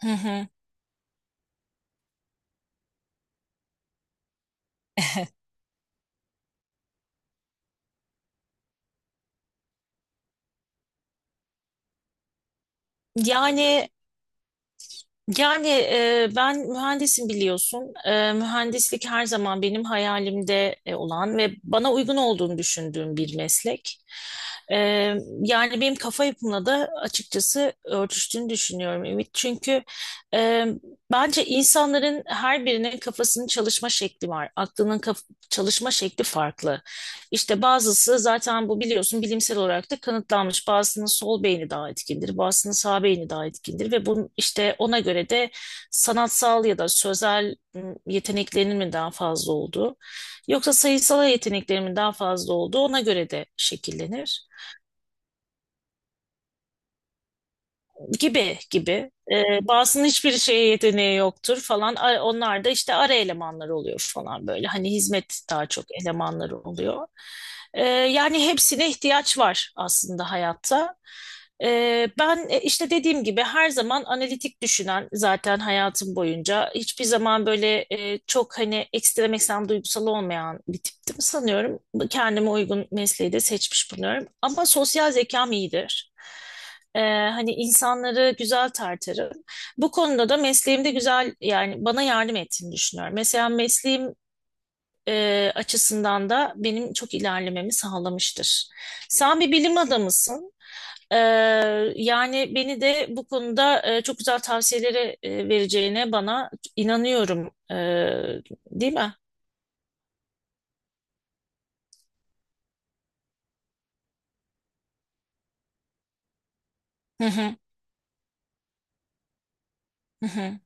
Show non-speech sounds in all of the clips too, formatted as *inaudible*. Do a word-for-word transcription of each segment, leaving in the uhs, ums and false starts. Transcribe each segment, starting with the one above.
Hı hı. Yani yani e, ben mühendisim biliyorsun. E, mühendislik her zaman benim hayalimde e, olan ve bana uygun olduğunu düşündüğüm bir meslek. E, Yani benim kafa yapımla da açıkçası örtüştüğünü düşünüyorum Ümit. Çünkü e, bence insanların her birinin kafasının çalışma şekli var. Aklının kaf- çalışma şekli farklı. İşte bazısı zaten bu biliyorsun bilimsel olarak da kanıtlanmış. Bazısının sol beyni daha etkindir, bazısının sağ beyni daha etkindir ve bunun işte ona göre de sanatsal ya da sözel ım, yeteneklerinin mi daha fazla olduğu yoksa sayısal yeteneklerinin mi daha fazla olduğu ona göre de şekillenir. Gibi gibi. E, bazısının hiçbir şeye yeteneği yoktur falan. A- Onlar da işte ara elemanlar oluyor falan böyle. Hani hizmet daha çok elemanları oluyor. E, yani hepsine ihtiyaç var aslında hayatta. E, Ben e, işte dediğim gibi her zaman analitik düşünen zaten hayatım boyunca. Hiçbir zaman böyle e, çok hani ekstrem ekstrem duygusal olmayan bir tiptim sanıyorum. Kendime uygun mesleği de seçmiş bulunuyorum. Ama sosyal zekam iyidir. Ee, Hani insanları güzel tartarım. Bu konuda da mesleğimde güzel yani bana yardım ettiğini düşünüyorum. Mesela mesleğim e, açısından da benim çok ilerlememi sağlamıştır. Sen bir bilim adamısın. Ee, Yani beni de bu konuda e, çok güzel tavsiyeleri e, vereceğine bana inanıyorum. Ee, değil mi? Hı hı, hı hı.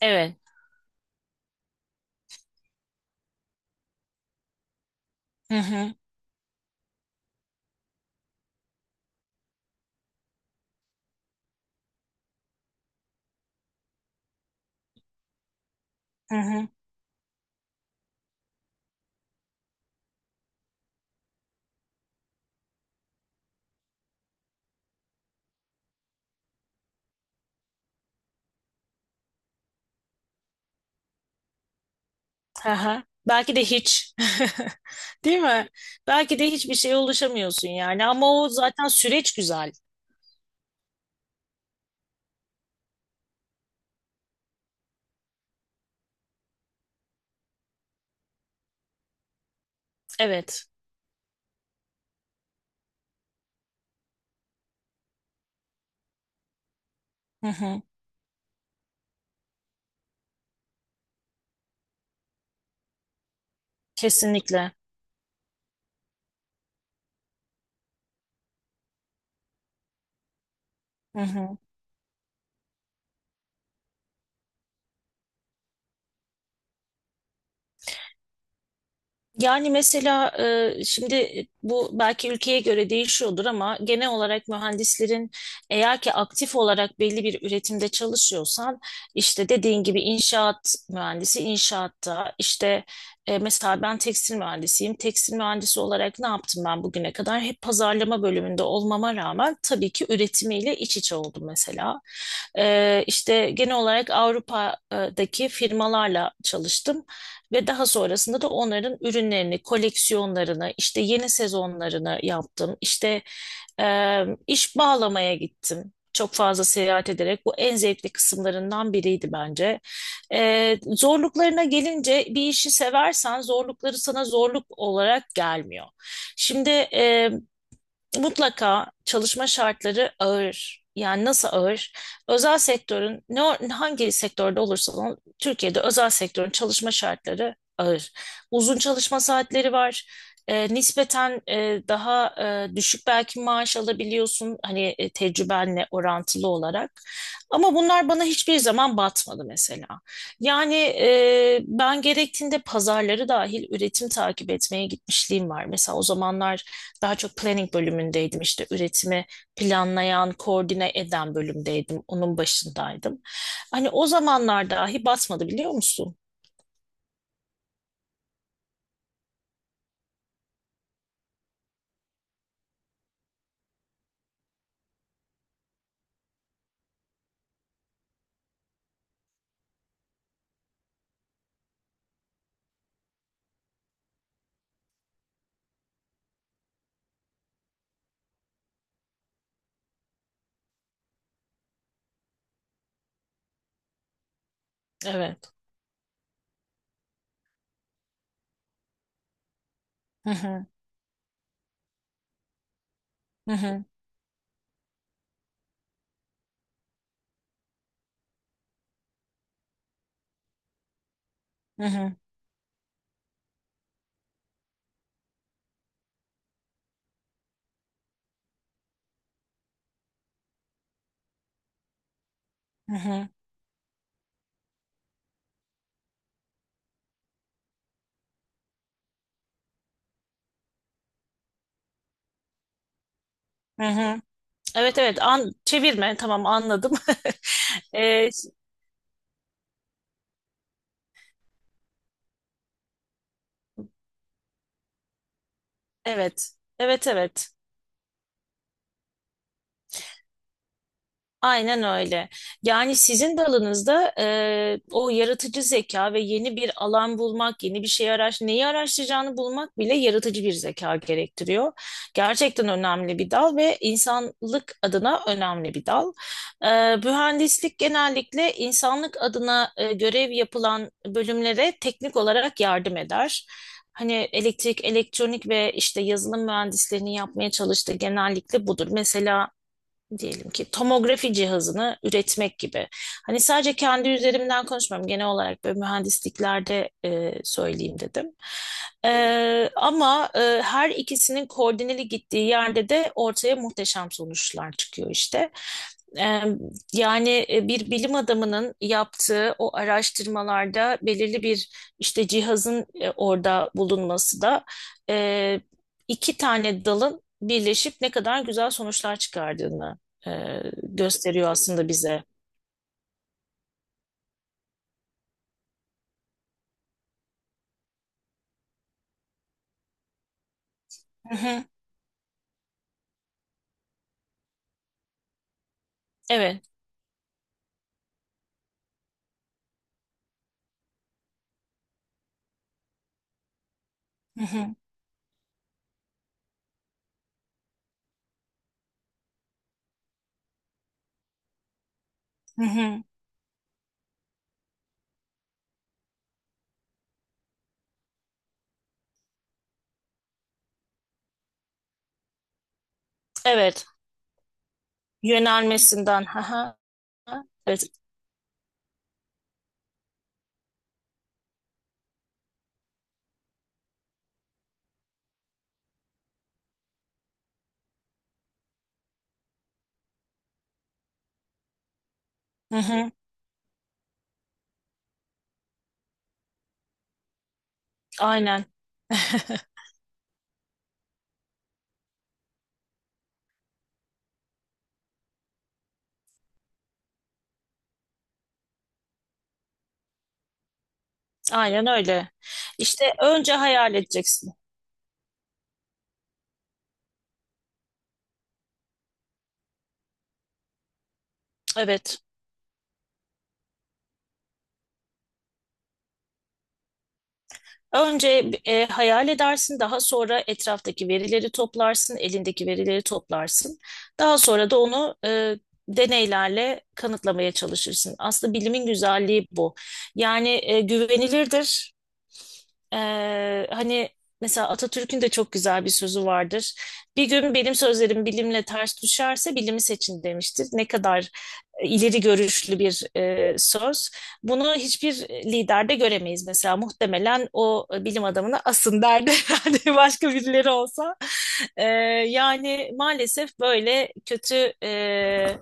Evet. Hı hı, hı hı. Aha. Belki de hiç. *laughs* Değil mi? Belki de hiçbir şeye ulaşamıyorsun yani. Ama o zaten süreç güzel. Evet. Hı hı. Kesinlikle. Hı hı. Yani mesela e, şimdi bu belki ülkeye göre değişiyordur ama genel olarak mühendislerin eğer ki aktif olarak belli bir üretimde çalışıyorsan işte dediğin gibi inşaat mühendisi inşaatta işte e, mesela ben tekstil mühendisiyim. Tekstil mühendisi olarak ne yaptım ben bugüne kadar? Hep pazarlama bölümünde olmama rağmen tabii ki üretimiyle iç içe oldum mesela. E, işte genel olarak Avrupa'daki firmalarla çalıştım. Ve daha sonrasında da onların ürünlerini, koleksiyonlarını, işte yeni sezonlarını yaptım. İşte e, iş bağlamaya gittim. Çok fazla seyahat ederek bu en zevkli kısımlarından biriydi bence. E, zorluklarına gelince bir işi seversen zorlukları sana zorluk olarak gelmiyor. Şimdi e, mutlaka çalışma şartları ağır. Yani nasıl ağır? Özel sektörün ne Hangi sektörde olursa olsun Türkiye'de özel sektörün çalışma şartları ağır. Uzun çalışma saatleri var. E, nispeten e, daha e, düşük belki maaş alabiliyorsun hani e, tecrübenle orantılı olarak. Ama bunlar bana hiçbir zaman batmadı mesela. Yani e, ben gerektiğinde pazarları dahil üretim takip etmeye gitmişliğim var. Mesela o zamanlar daha çok planning bölümündeydim işte üretimi planlayan, koordine eden bölümdeydim. Onun başındaydım. Hani o zamanlar dahi basmadı biliyor musun? Evet. Hı hı, hı hı, hı hı, hı hı, hı hı. Evet evet an çevirme tamam anladım. *laughs* Ee, evet. Evet evet. Aynen öyle. Yani sizin dalınızda e, o yaratıcı zeka ve yeni bir alan bulmak, yeni bir şey araş, neyi araştıracağını bulmak bile yaratıcı bir zeka gerektiriyor. Gerçekten önemli bir dal ve insanlık adına önemli bir dal. E, mühendislik genellikle insanlık adına e, görev yapılan bölümlere teknik olarak yardım eder. Hani elektrik, elektronik ve işte yazılım mühendislerinin yapmaya çalıştığı genellikle budur. Mesela diyelim ki tomografi cihazını üretmek gibi. Hani sadece kendi üzerimden konuşmam. Genel olarak böyle mühendisliklerde e, söyleyeyim dedim. E, ama e, her ikisinin koordineli gittiği yerde de ortaya muhteşem sonuçlar çıkıyor işte. E, Yani e, bir bilim adamının yaptığı o araştırmalarda belirli bir işte cihazın e, orada bulunması da e, iki tane dalın birleşip ne kadar güzel sonuçlar çıkardığını e, gösteriyor aslında bize. Hı hı, evet, hı hı, hı hı, evet. Yönelmesinden. Haha, evet, hı hı. Aynen. *laughs* Aynen öyle. İşte önce hayal edeceksin. Evet. Önce e, hayal edersin, daha sonra etraftaki verileri toplarsın, elindeki verileri toplarsın. Daha sonra da onu e, deneylerle kanıtlamaya çalışırsın. Aslında bilimin güzelliği bu. Yani e, güvenilirdir. Ee, hani mesela Atatürk'ün de çok güzel bir sözü vardır. Bir gün benim sözlerim bilimle ters düşerse bilimi seçin demiştir. Ne kadar e, ileri görüşlü bir e, söz. Bunu hiçbir liderde göremeyiz mesela. Muhtemelen o e, bilim adamına asın derdi *laughs* herhalde başka birileri olsa. Ee, Yani maalesef böyle kötü e,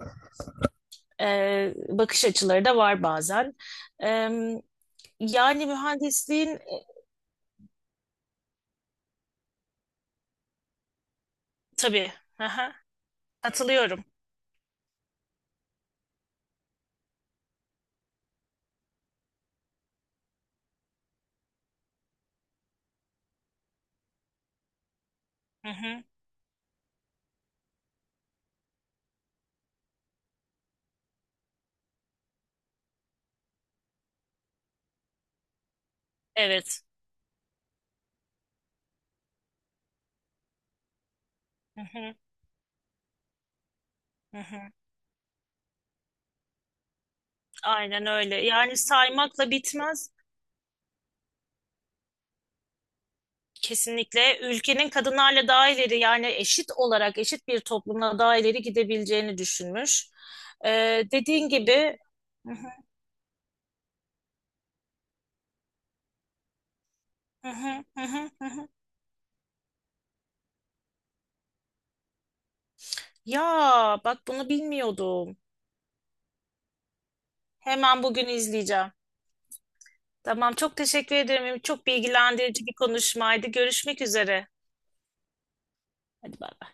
e, bakış açıları da var bazen. Ee, Yani mühendisliğin tabii. *laughs* Katılıyorum. Hı hı. Evet. Hı hı. Hı hı. Aynen öyle. Yani saymakla bitmez. Kesinlikle ülkenin kadınlarla daha ileri yani eşit olarak eşit bir toplumla daha ileri gidebileceğini düşünmüş. Ee, dediğin gibi hı hı, hı hı, hı hı, hı hı. Ya bak bunu bilmiyordum. Hemen bugün izleyeceğim. Tamam çok teşekkür ederim. Çok bilgilendirici bir konuşmaydı. Görüşmek üzere. Hadi bay.